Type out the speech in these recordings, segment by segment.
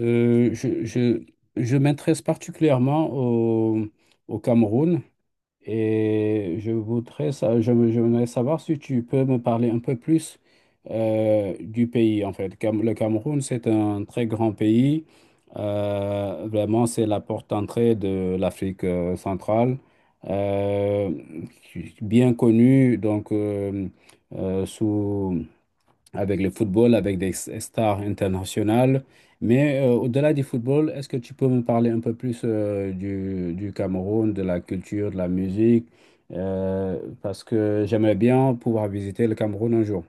Euh, je, je, je m'intéresse particulièrement au, au Cameroun et je voudrais, je voudrais savoir si tu peux me parler un peu plus du pays en fait. Le Cameroun, c'est un très grand pays. Vraiment, c'est la porte d'entrée de l'Afrique centrale. Euh, Bien connue donc sous avec le football, avec des stars internationales. Mais au-delà du football, est-ce que tu peux me parler un peu plus du Cameroun, de la culture, de la musique? Parce que j'aimerais bien pouvoir visiter le Cameroun un jour.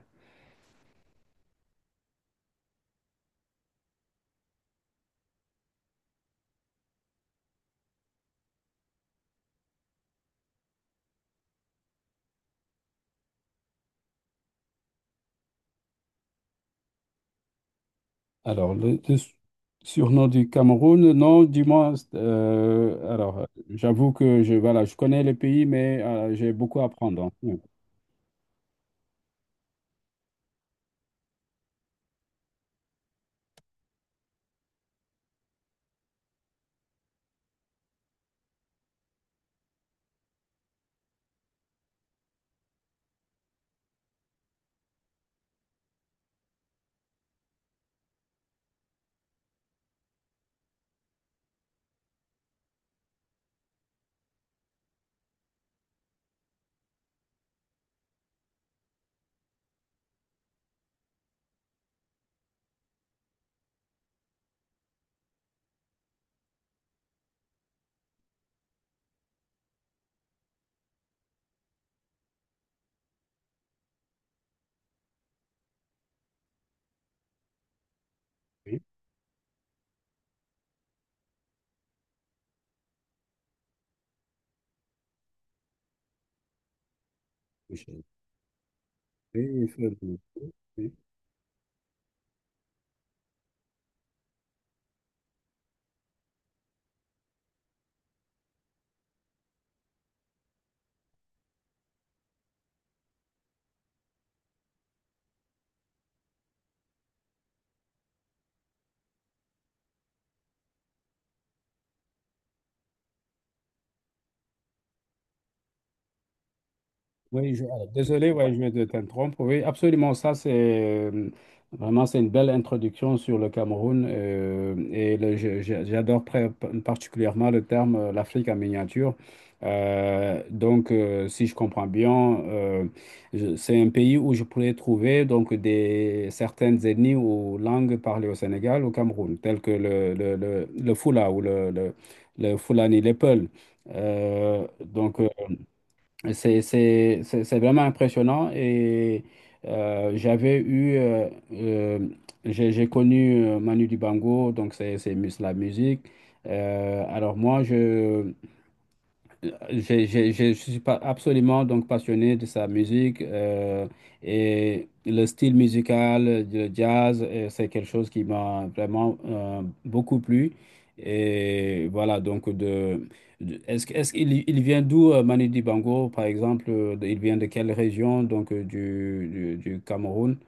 Alors, le surnom du Cameroun, non, dis-moi. Alors, j'avoue que je, voilà, je connais le pays, mais j'ai beaucoup à apprendre. Oui, oui, je- oui, oui. Oui, désolé, ouais, je vais te t'interrompre. Oui, absolument, ça c'est vraiment c'est une belle introduction sur le Cameroun et j'adore particulièrement le terme l'Afrique en miniature. Si je comprends bien, c'est un pays où je pourrais trouver donc des certaines ethnies ou langues parlées au Sénégal, au Cameroun, telles que le Fula ou le Fulani, les Peuls. Euh, donc euh, c'est, c'est vraiment impressionnant et j'avais eu, euh, j'ai connu Manu Dibango, donc c'est la musique. Alors moi, je, j'ai- Je suis pas absolument donc passionné de sa musique et le style musical, le jazz, c'est quelque chose qui m'a vraiment beaucoup plu. Et voilà, est-ce qu'il il vient d'où Manu Dibango, par exemple, il vient de quelle région donc du Cameroun?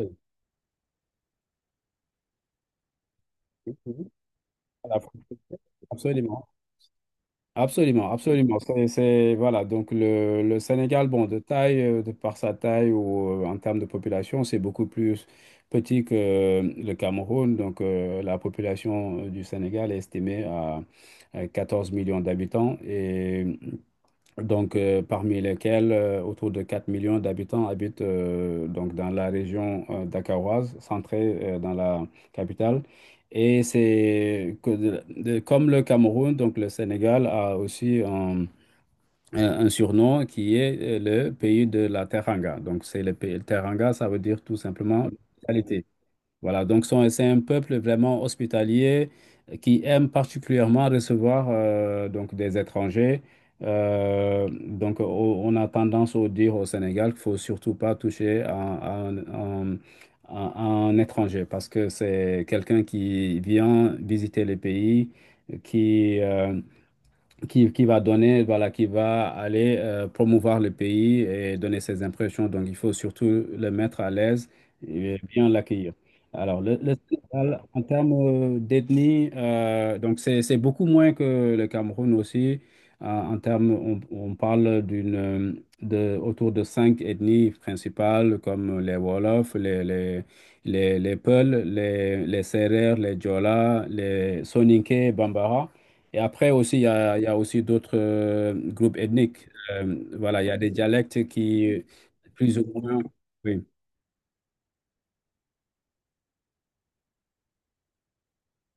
Euh, oui, oui, oui. Absolument. Absolument, absolument. Voilà, donc le Sénégal, bon, de par sa taille ou en termes de population, c'est beaucoup plus petit que le Cameroun. Donc la population du Sénégal est estimée à 14 millions d'habitants et donc parmi lesquels autour de 4 millions d'habitants habitent donc dans la région dakaroise, centrée dans la capitale. Et c'est comme le Cameroun, donc le Sénégal a aussi un surnom qui est le pays de la Teranga. Donc c'est le pays, Teranga, ça veut dire tout simplement localité. Voilà, c'est un peuple vraiment hospitalier qui aime particulièrement recevoir donc des étrangers. On a tendance à dire au Sénégal qu'il faut surtout pas toucher à un étranger parce que c'est quelqu'un qui vient visiter les pays, qui, euh, qui va donner, voilà, qui va aller promouvoir le pays et donner ses impressions. Donc, il faut surtout le mettre à l'aise et bien l'accueillir. Alors, le Sénégal, en termes d'ethnie, donc c'est beaucoup moins que le Cameroun aussi. En termes, on parle autour de cinq ethnies principales comme les Wolofs, les Peuls, les Sérères, les Diola, les Soninké, Bambara. Et après aussi, il y a aussi d'autres groupes ethniques. Voilà, il y a des dialectes qui, plus ou moins, oui.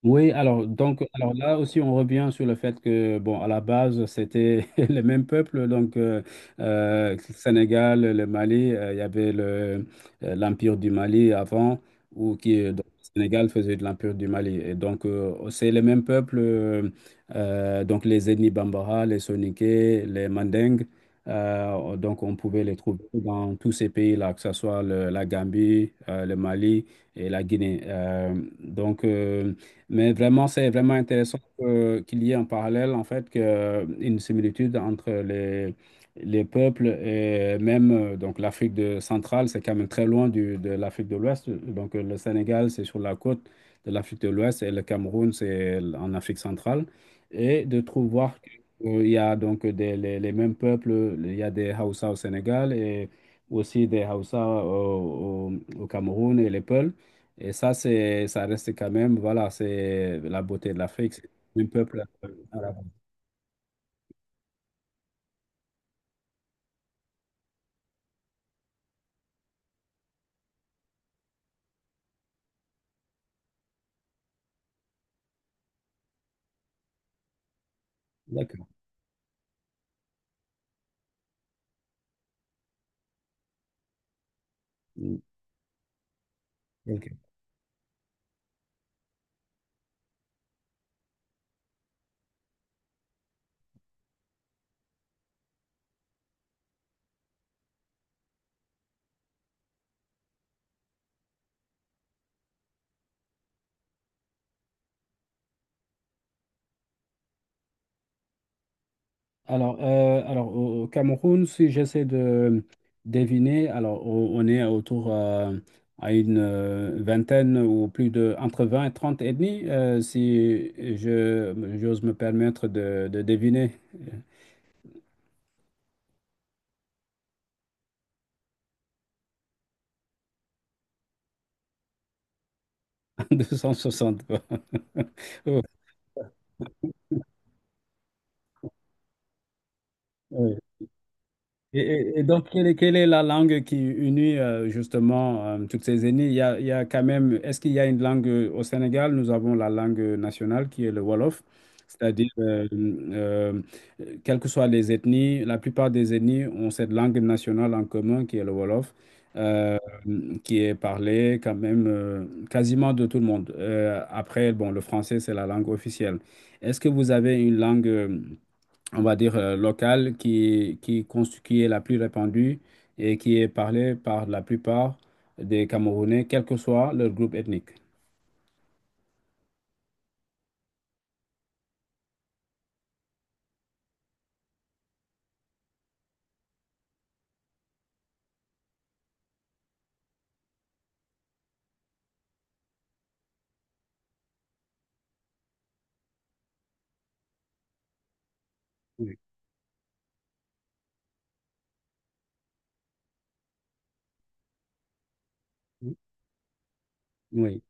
Oui, alors, donc, alors là aussi, on revient sur le fait que, bon, à la base, c'était le même peuple, Sénégal, le Mali, il y avait l'Empire du Mali avant, donc, le Sénégal faisait de l'Empire du Mali. Et donc, c'est le même peuple, donc les ethnies Bambara, les Soninké, les Mandingues, donc on pouvait les trouver dans tous ces pays-là, que ce soit la Gambie, le Mali et la Guinée. Donc, euh, mais vraiment, c'est vraiment intéressant qu'il y ait en parallèle, en fait, que, une similitude entre les peuples et même donc centrale, c'est quand même très loin de l'Afrique de l'Ouest. Donc, le Sénégal, c'est sur la côte de l'Afrique de l'Ouest et le Cameroun, c'est en Afrique centrale. Et de trouver voir que, il y a donc les mêmes peuples, il y a des Hausa au Sénégal et aussi des Hausa au Cameroun et les Peuls. Et ça, ça reste quand même, voilà, c'est la beauté de l'Afrique, c'est un peuple arabe. D'accord. Mm, ok. Alors au au Cameroun, si j'essaie de deviner, alors on est autour à une vingtaine ou plus de, entre 20 et 30 ethnies, si je, j'ose me permettre de deviner, 260. Quoi. Et, et donc, quelle est la langue qui unit justement toutes ces ethnies? Il y a quand même, est-ce qu'il y a une langue au Sénégal? Nous avons la langue nationale qui est le Wolof, c'est-à-dire, quelles que soient les ethnies, la plupart des ethnies ont cette langue nationale en commun qui est le Wolof, euh, qui est parlée quand même quasiment de tout le monde. Après, bon, le français, c'est la langue officielle. Est-ce que vous avez une langue on va dire, locale qui est la plus répandue et qui est parlée par la plupart des Camerounais, quel que soit leur groupe ethnique. Oui. Oui.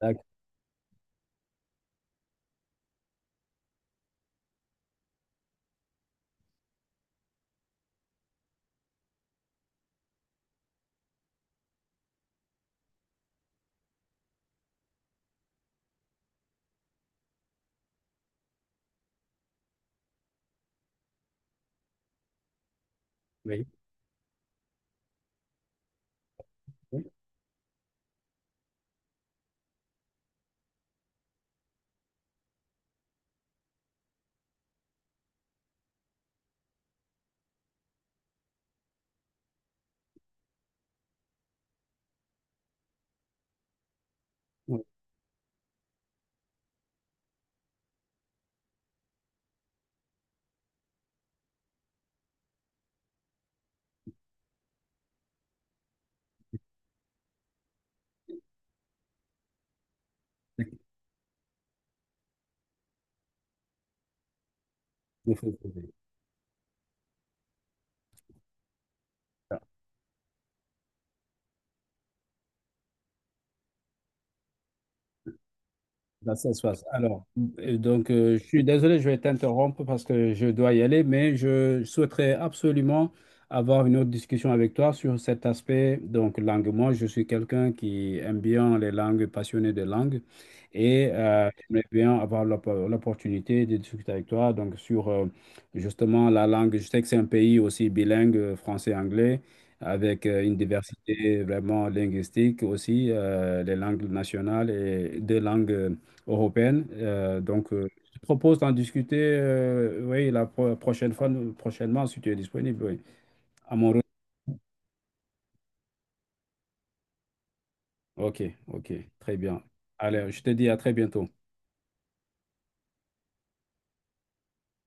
D'ac- Oui. Oui. Oui. Bah, ça se passe. Alors, je suis désolé, je vais t'interrompre parce que je dois y aller, mais je souhaiterais absolument avoir une autre discussion avec toi sur cet aspect, donc langue. Moi, je suis quelqu'un qui aime bien les langues, passionné de langues, et j'aimerais bien avoir l'opportunité de discuter avec toi, donc sur justement la langue. Je sais que c'est un pays aussi bilingue, français-anglais. Avec une diversité vraiment linguistique aussi, les langues nationales et deux langues européenne. Je te propose d'en discuter oui, la prochaine fois, prochainement, si tu es disponible. Oui. À mon retour. OK, OK, très bien. Allez, je te dis à très bientôt.